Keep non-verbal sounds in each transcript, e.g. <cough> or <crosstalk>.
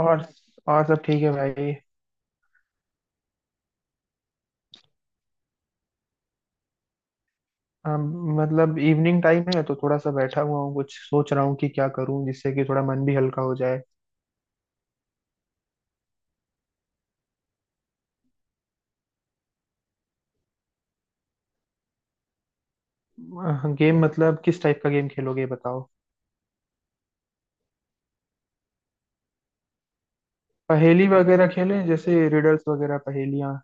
और और सब ठीक है भाई। हम मतलब इवनिंग टाइम है तो थोड़ा सा बैठा हुआ हूँ, कुछ सोच रहा हूँ कि क्या करूँ जिससे कि थोड़ा मन भी हल्का हो जाए। गेम मतलब किस टाइप का गेम खेलोगे ये बताओ। पहेली वगैरह खेलें, जैसे रिडल्स वगैरह, पहेलियाँ।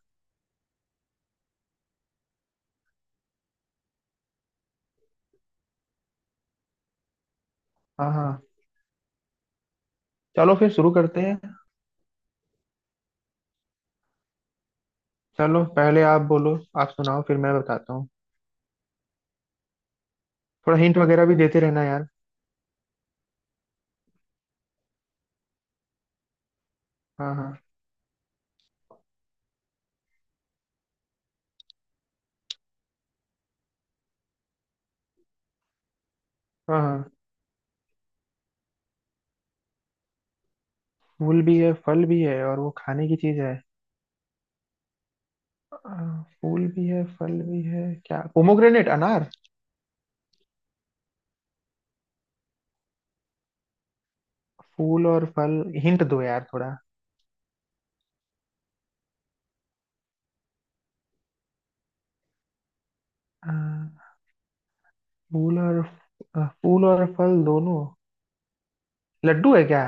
हाँ हाँ। चलो फिर शुरू करते हैं। चलो पहले आप बोलो, आप सुनाओ फिर मैं बताता हूँ। थोड़ा हिंट वगैरह भी देते रहना यार। हाँ हाँ। हाँ हाँ। फूल भी है, फल भी है और वो खाने की चीज है। फूल भी है फल भी है, क्या पोमोग्रेनेट, अनार। फूल और फल, हिंट दो यार थोड़ा। अ, फूल और फूल और फल दोनों, लड्डू है क्या।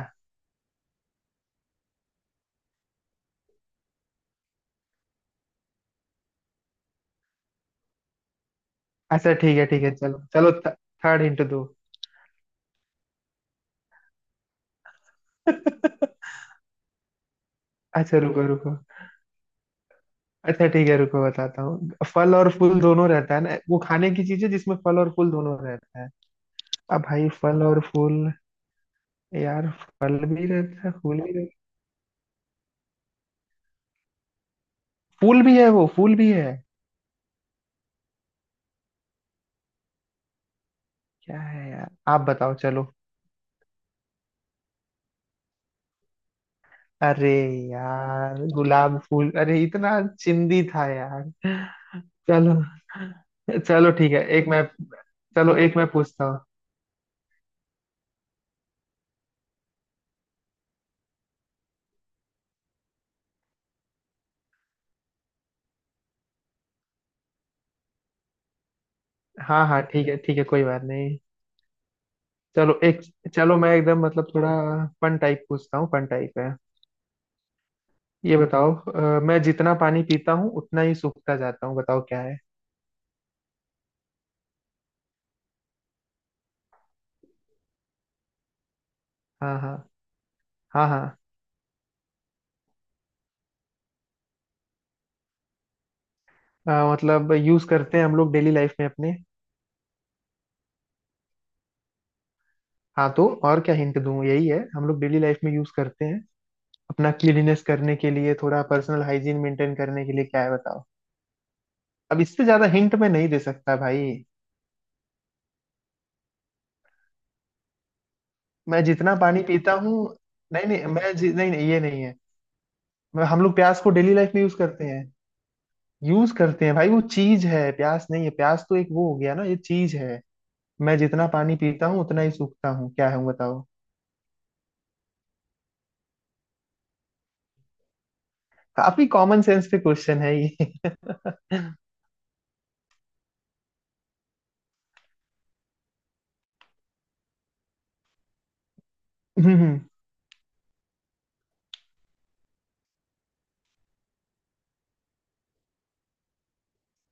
अच्छा ठीक है ठीक है, चलो चलो। थर्ड हिंट दो। <laughs> अच्छा रुको रुको, अच्छा ठीक है रुको बताता हूँ। फल और फूल दोनों रहता है ना, वो खाने की चीज है जिसमें फल और फूल दोनों रहता है। अब भाई फल और फूल यार, फल भी रहता है फूल भी रहता है, फूल भी है वो, फूल भी है। क्या है यार, आप बताओ चलो। अरे यार गुलाब फूल, अरे इतना चिंदी था यार। चलो। चलो ठीक है, एक मैं पूछता हूँ। हाँ हाँ ठीक है ठीक है, कोई बात नहीं। चलो एक, चलो मैं एकदम मतलब थोड़ा फन टाइप पूछता हूँ, फन टाइप है। ये बताओ, मैं जितना पानी पीता हूँ उतना ही सूखता जाता हूँ, बताओ क्या है। हाँ हाँ। हाँ हाँ। मतलब यूज करते हैं हम लोग डेली लाइफ में अपने। हाँ तो और क्या हिंट दूँ, यही है हम लोग डेली लाइफ में यूज करते हैं अपना क्लीनिनेस करने के लिए, थोड़ा पर्सनल हाइजीन मेंटेन करने के लिए, क्या है बताओ। अब इससे ज्यादा हिंट मैं नहीं दे सकता भाई। मैं जितना पानी पीता हूँ, नहीं नहीं, नहीं नहीं ये नहीं है। मैं हम लोग प्याज को डेली लाइफ में यूज करते हैं, यूज करते हैं भाई वो चीज है, प्याज नहीं है, प्याज तो एक वो हो गया ना, ये चीज है। मैं जितना पानी पीता हूँ उतना ही सूखता हूँ, क्या है बताओ। काफी कॉमन सेंस पे क्वेश्चन है ये। <laughs> हम्म,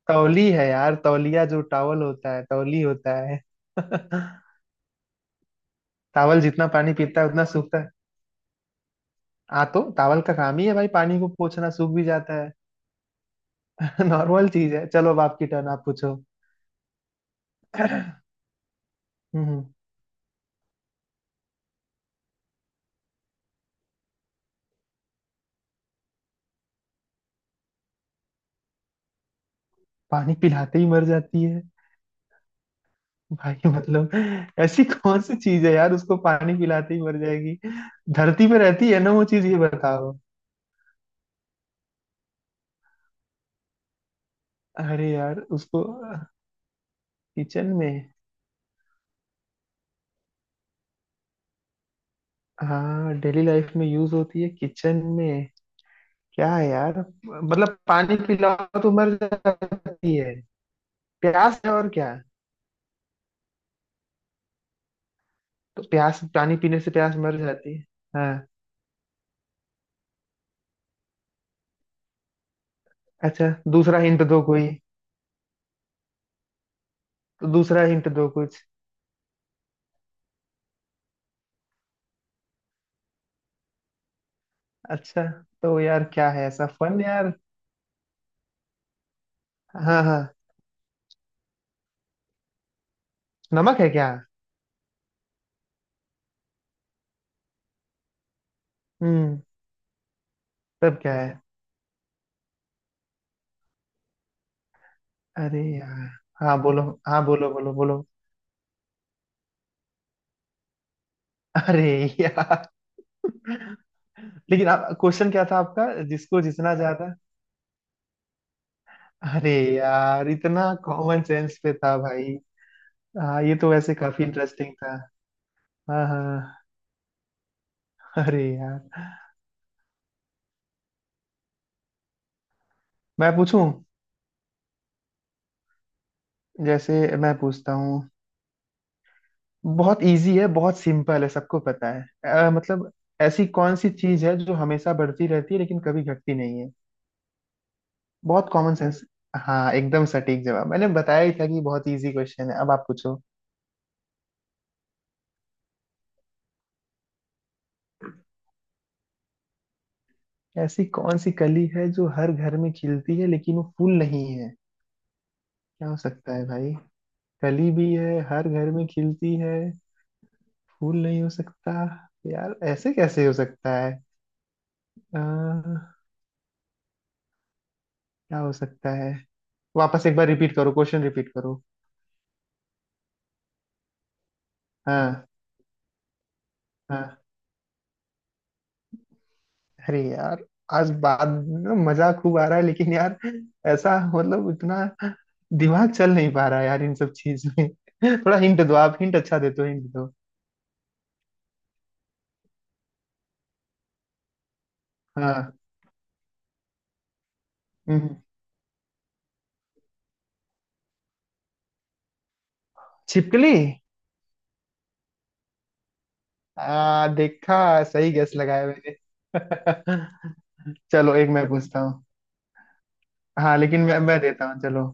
तौली है यार, तौलिया जो टावल होता है, तौली होता है। <laughs> टावल जितना पानी पीता है उतना सूखता है। हाँ तो टावल का काम ही है भाई पानी को पोंछना, सूख भी जाता है। <laughs> नॉर्मल चीज है, चलो अब आपकी टर्न, आप पूछो। हम्म। पानी पिलाते ही मर जाती है, भाई मतलब ऐसी कौन सी चीज है यार उसको पानी पिलाते ही मर जाएगी। धरती पे रहती है ना वो चीज, ये बताओ। अरे यार उसको, किचन में। हाँ डेली लाइफ में यूज होती है किचन में। क्या है यार, मतलब पानी पिलाओ तो मर जाती है, प्यास है और क्या, तो प्यास पानी पीने से प्यास मर जाती है। हाँ। अच्छा, दूसरा हिंट दो कोई, तो दूसरा हिंट दो कुछ। अच्छा, तो यार क्या है ऐसा फन यार। हाँ हाँ, नमक है क्या। हम्म, तब क्या है। अरे यार, हाँ बोलो, हाँ बोलो बोलो बोलो। अरे यार, लेकिन आप क्वेश्चन क्या था आपका जिसको जितना ज्यादा, अरे यार इतना कॉमन सेंस पे था भाई। हाँ ये तो वैसे काफी इंटरेस्टिंग था। हाँ हाँ। अरे यार। मैं पूछूं, जैसे, मैं पूछता हूँ, बहुत इजी है, बहुत सिंपल है, सबको पता है। मतलब ऐसी कौन सी चीज है जो हमेशा बढ़ती रहती है लेकिन कभी घटती नहीं है। बहुत कॉमन सेंस, हाँ एकदम सटीक जवाब। मैंने बताया ही था कि बहुत इजी क्वेश्चन है, अब आप पूछो। ऐसी कौन सी कली है जो हर घर में खिलती है लेकिन वो फूल नहीं है, क्या हो सकता है भाई। कली भी है, हर घर में खिलती है, फूल नहीं हो सकता, यार ऐसे कैसे हो सकता है। क्या हो सकता है, वापस एक बार रिपीट करो, क्वेश्चन रिपीट करो। हाँ। हाँ। अरे यार आज बाद में मजा खूब आ रहा है लेकिन यार, ऐसा मतलब इतना दिमाग चल नहीं पा रहा है यार इन सब चीज में। <laughs> थोड़ा हिंट दो आप, हिंट अच्छा देते हो, हिंट दो। हाँ। हम्म, छिपकली। देखा, सही गेस लगाया मैंने। <laughs> चलो एक मैं पूछता हूँ। हाँ लेकिन मैं देता हूँ, चलो।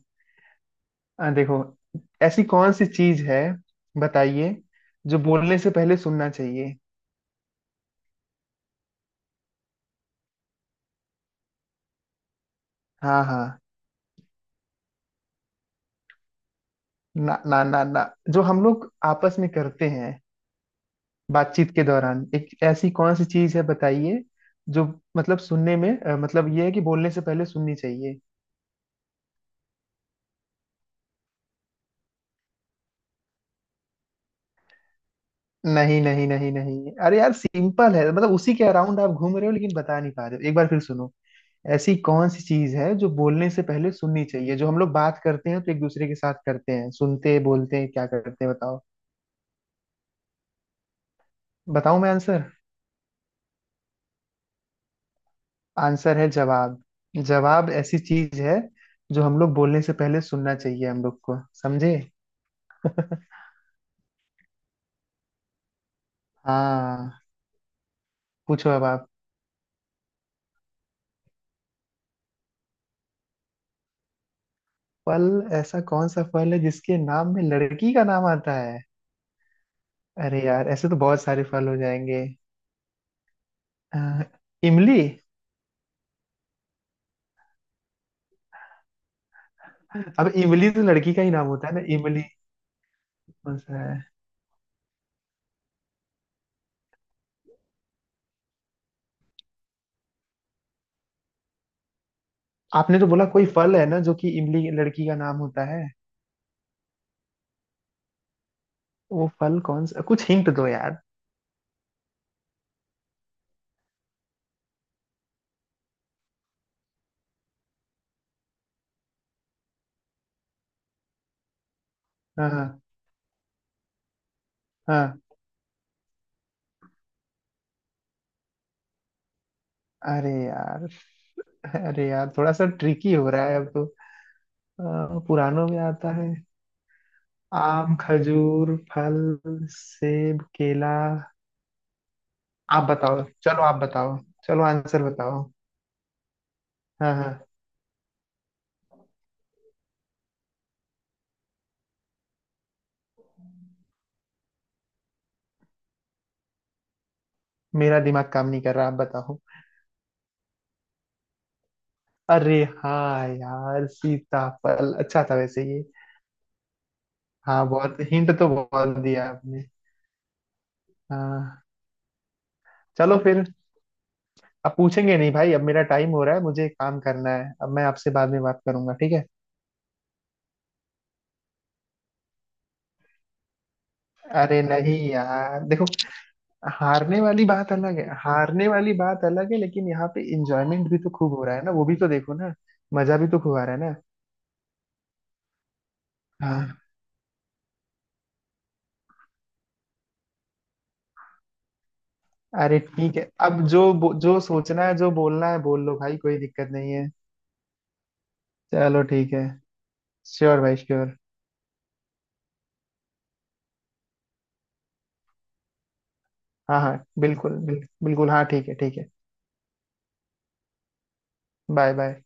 देखो, ऐसी कौन सी चीज है, बताइए, जो बोलने से पहले सुनना चाहिए। हाँ हाँ। ना ना ना ना, जो हम लोग आपस में करते हैं बातचीत के दौरान, एक ऐसी कौन सी चीज है बताइए जो मतलब सुनने में, मतलब ये है कि बोलने से पहले सुननी चाहिए। नहीं नहीं नहीं नहीं, अरे यार सिंपल है, मतलब उसी के अराउंड आप घूम रहे हो लेकिन बता नहीं पा रहे हो, एक बार फिर सुनो। ऐसी कौन सी चीज है जो बोलने से पहले सुननी चाहिए, जो हम लोग बात करते हैं तो एक दूसरे के साथ करते हैं, सुनते हैं, बोलते हैं, क्या करते हैं बताओ। बताऊं मैं आंसर, आंसर है जवाब, जवाब ऐसी चीज है जो हम लोग बोलने से पहले सुनना चाहिए, हम लोग को समझे। हाँ, पूछो अब आप। फल, ऐसा कौन सा फल है जिसके नाम में लड़की का नाम आता है, अरे यार ऐसे तो बहुत सारे फल हो जाएंगे। अह, इमली। अब इमली तो लड़की का ही नाम होता है ना, इमली, कौन सा है। आपने तो बोला कोई फल है ना, जो कि इमली लड़की का नाम होता है, वो फल कौन सा, कुछ हिंट दो यार। हाँ हाँ। अरे यार, अरे यार थोड़ा सा ट्रिकी हो रहा है अब तो। पुरानों में आता है। आम, खजूर, फल, सेब, केला, आप बताओ चलो, आप बताओ, चलो आंसर बताओ। हाँ हाँ। मेरा दिमाग काम नहीं कर रहा, आप बताओ। अरे हाँ यार, सीताफल, अच्छा था वैसे ये। हाँ बहुत हिंट तो बहुत दिया आपने। हाँ। चलो फिर, अब पूछेंगे नहीं भाई, अब मेरा टाइम हो रहा है, मुझे काम करना है, अब मैं आपसे बाद में बात करूंगा, ठीक है। अरे नहीं यार देखो, हारने वाली बात अलग है, हारने वाली बात अलग है, लेकिन यहाँ पे इंजॉयमेंट भी तो खूब हो रहा है ना, वो भी तो देखो ना, मजा भी तो खूब आ रहा है ना। हाँ। अरे ठीक है, अब जो सोचना है जो बोलना है बोल लो भाई, कोई दिक्कत नहीं है। चलो ठीक है, श्योर भाई श्योर। हाँ हाँ बिल्कुल, बिल्कुल हाँ, ठीक है ठीक है। Bye bye.